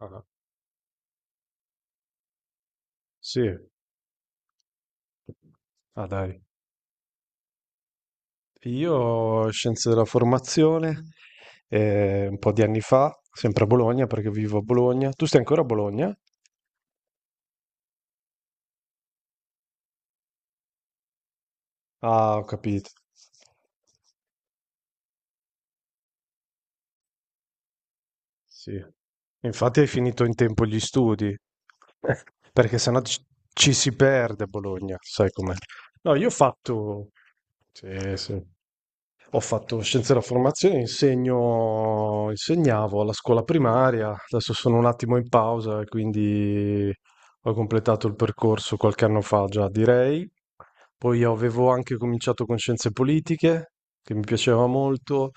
Ah, sì. Ah, dai. Io scienze della formazione, un po' di anni fa, sempre a Bologna perché vivo a Bologna. Tu stai ancora a Bologna? Ah, ho capito. Sì. Infatti hai finito in tempo gli studi. Eh, Perché sennò ci si perde a Bologna, sai com'è. No, io ho fatto... Sì, sì. Ho fatto scienze della formazione, insegno, insegnavo alla scuola primaria, adesso sono un attimo in pausa e quindi ho completato il percorso qualche anno fa già, direi. Poi avevo anche cominciato con scienze politiche, che mi piaceva molto,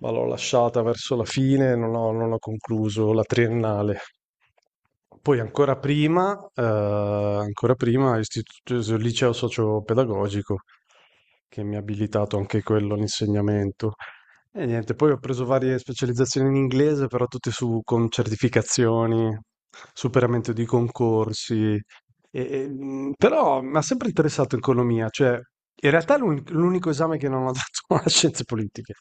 ma l'ho lasciata verso la fine, non ho concluso la triennale. Poi ancora prima, istituto, liceo socio-pedagogico, che mi ha abilitato anche quello all'insegnamento. E niente, poi ho preso varie specializzazioni in inglese, però tutte con certificazioni, superamento di concorsi. Però mi ha sempre interessato economia, cioè in realtà è l'unico esame che non ho dato a scienze politiche,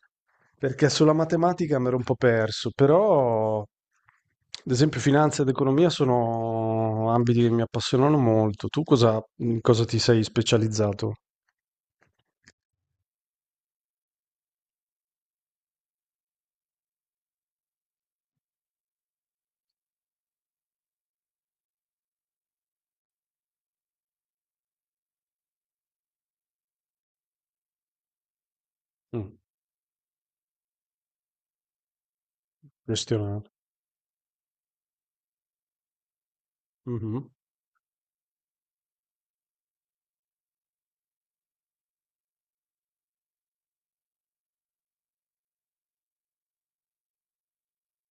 perché sulla matematica mi ero un po' perso, però ad esempio finanza ed economia sono ambiti che mi appassionano molto. In cosa ti sei specializzato? Mm, gestionale.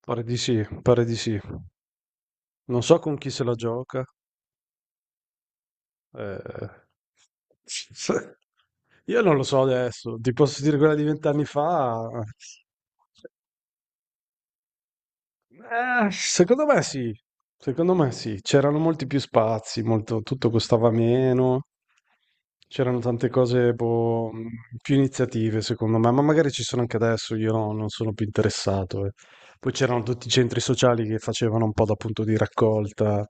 Pare di sì, pare di sì. Non so con chi se la gioca. Eh. Io non lo so adesso, ti posso dire quella di 20 anni fa. Secondo me sì, secondo me sì. C'erano molti più spazi, tutto costava meno, c'erano tante cose boh, più iniziative secondo me, ma magari ci sono anche adesso, io non sono più interessato. Eh. Poi c'erano tutti i centri sociali che facevano un po' da punto di raccolta,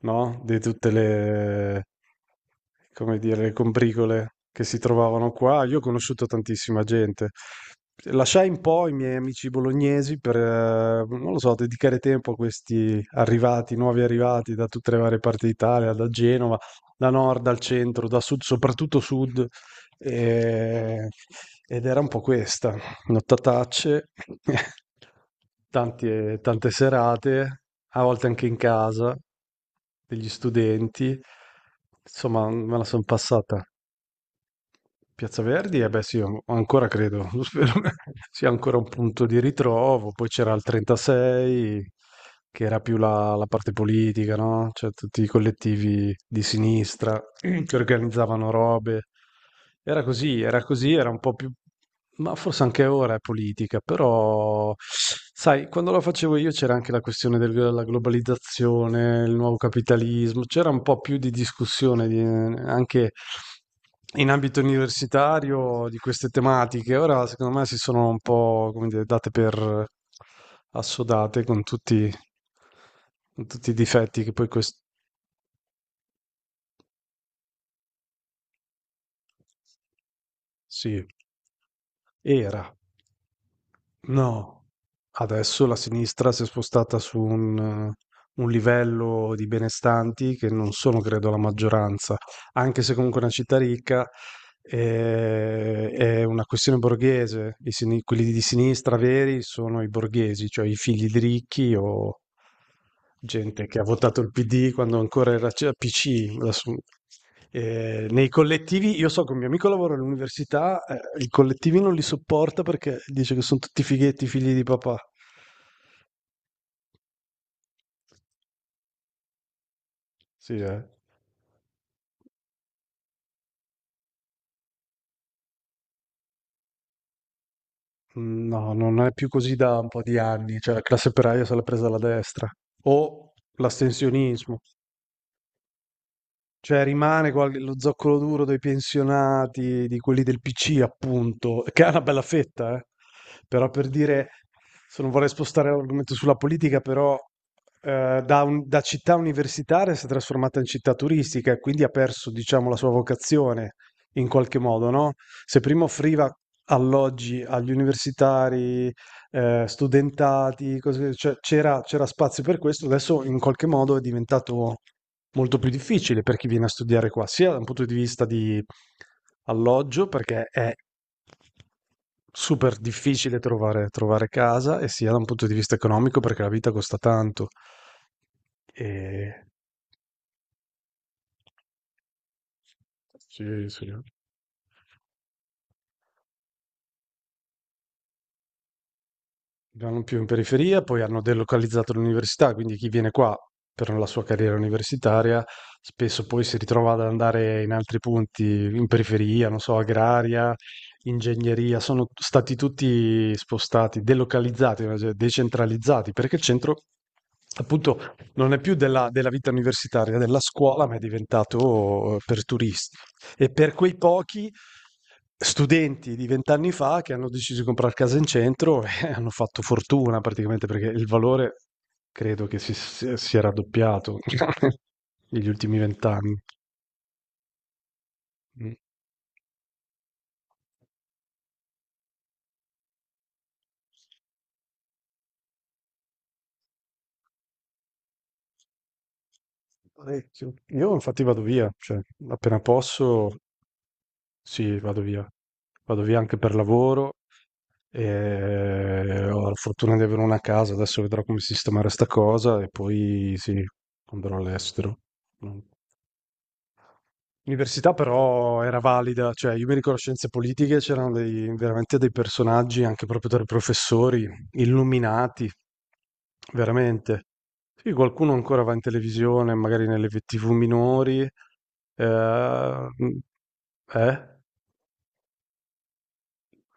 no? Di tutte le, come dire, le combricole che si trovavano qua. Io ho conosciuto tantissima gente. Lasciai un po' i miei amici bolognesi per, non lo so, dedicare tempo a questi arrivati, nuovi arrivati da tutte le varie parti d'Italia, da Genova, da nord, dal centro, da sud, soprattutto sud. E- Ed era un po' questa, nottatacce, tante, tante serate, a volte anche in casa. Degli studenti. Insomma, me la son passata. Piazza Verdi? Eh beh sì, ancora credo, lo spero che sia ancora un punto di ritrovo. Poi c'era il 36, che era più la parte politica, no? Cioè tutti i collettivi di sinistra che organizzavano robe. Era così, era così, era un po' più... Ma forse anche ora è politica, però... Sai, quando la facevo io c'era anche la questione della globalizzazione, il nuovo capitalismo, c'era un po' più di discussione anche in ambito universitario di queste tematiche. Ora, secondo me, si sono un po', come dire, date per assodate con tutti i difetti che poi questo sì, era. No, adesso la sinistra si è spostata su un livello di benestanti che non sono, credo, la maggioranza, anche se comunque è una città ricca, è una questione borghese. Quelli di sinistra veri sono i borghesi, cioè i figli di ricchi o gente che ha votato il PD quando ancora era PC. Adesso nei collettivi, io so che un mio amico lavora all'università, i collettivi non li sopporta perché dice che sono tutti fighetti, figli di papà. Sì, eh. Mm. No, non è più così da un po' di anni, cioè la classe operaia se l'ha presa alla destra. O l'astensionismo. Cioè rimane lo zoccolo duro dei pensionati, di quelli del PC, appunto, che è una bella fetta, eh. Però per dire, se non vorrei spostare l'argomento sulla politica, però da città universitaria si è trasformata in città turistica e quindi ha perso, diciamo, la sua vocazione in qualche modo, no? Se prima offriva alloggi agli universitari, studentati, cioè, c'era spazio per questo, adesso in qualche modo è diventato molto più difficile per chi viene a studiare qua, sia da un punto di vista di alloggio, perché è super difficile trovare casa, e sia da un punto di vista economico, perché la vita costa tanto. E... Sì, sì. Non più in periferia, poi hanno delocalizzato l'università, quindi chi viene qua per la sua carriera universitaria spesso poi si ritrova ad andare in altri punti, in periferia, non so, agraria, ingegneria, sono stati tutti spostati, delocalizzati, cioè decentralizzati, perché il centro appunto non è più della vita universitaria, della scuola, ma è diventato per turisti. E per quei pochi studenti di 20 anni fa che hanno deciso di comprare casa in centro e hanno fatto fortuna praticamente perché il valore credo che si è raddoppiato negli ultimi 20 anni. Mm. Parecchio. Io infatti vado via, cioè appena posso, sì, vado via. Vado via anche per lavoro e ho la fortuna di avere una casa, adesso vedrò come sistemare sta cosa e poi sì, andrò all'estero. Mm. L'università però era valida, cioè io mi ricordo scienze politiche, c'erano veramente dei personaggi, anche proprio tra i professori, illuminati, veramente. Sì, qualcuno ancora va in televisione, magari nelle TV minori. Mm, eh?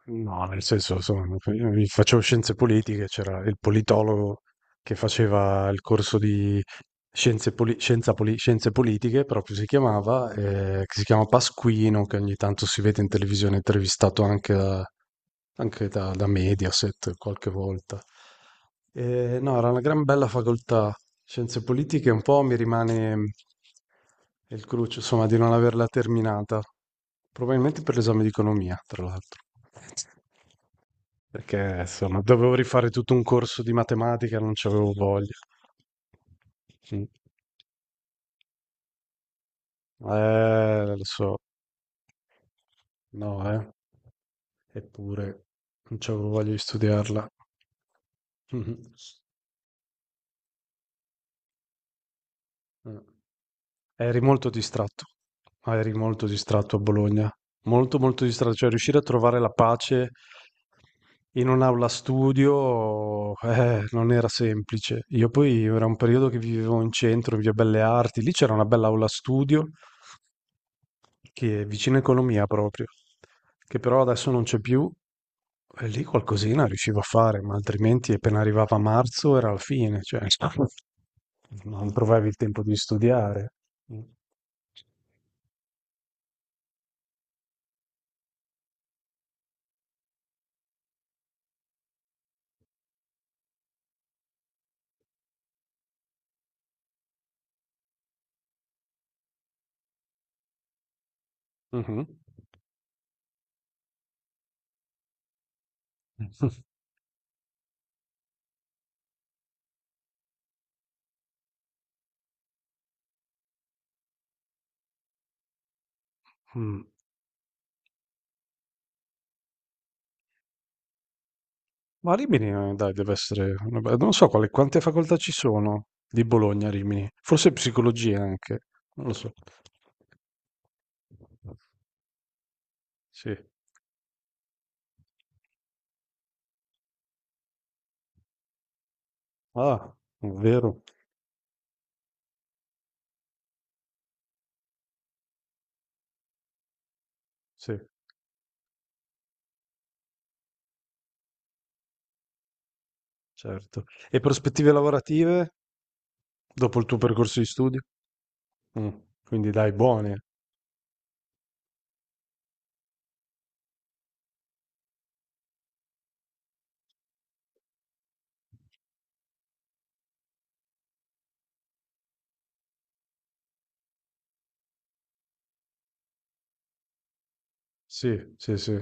No, nel senso, insomma, io facevo scienze politiche, c'era il politologo che faceva il corso di scienze politiche, proprio si chiamava, che si chiama Pasquino, che ogni tanto si vede in televisione, intervistato anche, da Mediaset qualche volta. No, era una gran bella facoltà, scienze politiche, un po' mi rimane il cruccio, insomma, di non averla terminata, probabilmente per l'esame di economia, tra l'altro. Perché insomma, dovevo rifare tutto un corso di matematica, non c'avevo voglia. Mm. Lo so, no, eh. Eppure non c'avevo voglia di studiarla. Mhm. Eh, Eri molto distratto. Ah, eri molto distratto a Bologna. Molto, molto distratto, cioè riuscire a trovare la pace in un'aula studio non era semplice. Io poi era un periodo che vivevo in centro, in Via Belle Arti, lì c'era una bella aula studio che è vicino economia proprio, che però adesso non c'è più. E lì qualcosina riuscivo a fare, ma altrimenti appena arrivava marzo era la fine, cioè non trovavi il tempo di studiare. Mhm. Mm. Ma Rimini, dai, deve essere una non so quante facoltà ci sono di Bologna a Rimini, forse psicologia anche, non lo so. Sì. Ah, vero? Sì, certo. E prospettive lavorative dopo il tuo percorso di studio? Mm. Quindi dai, buone. Sì, sì, sì.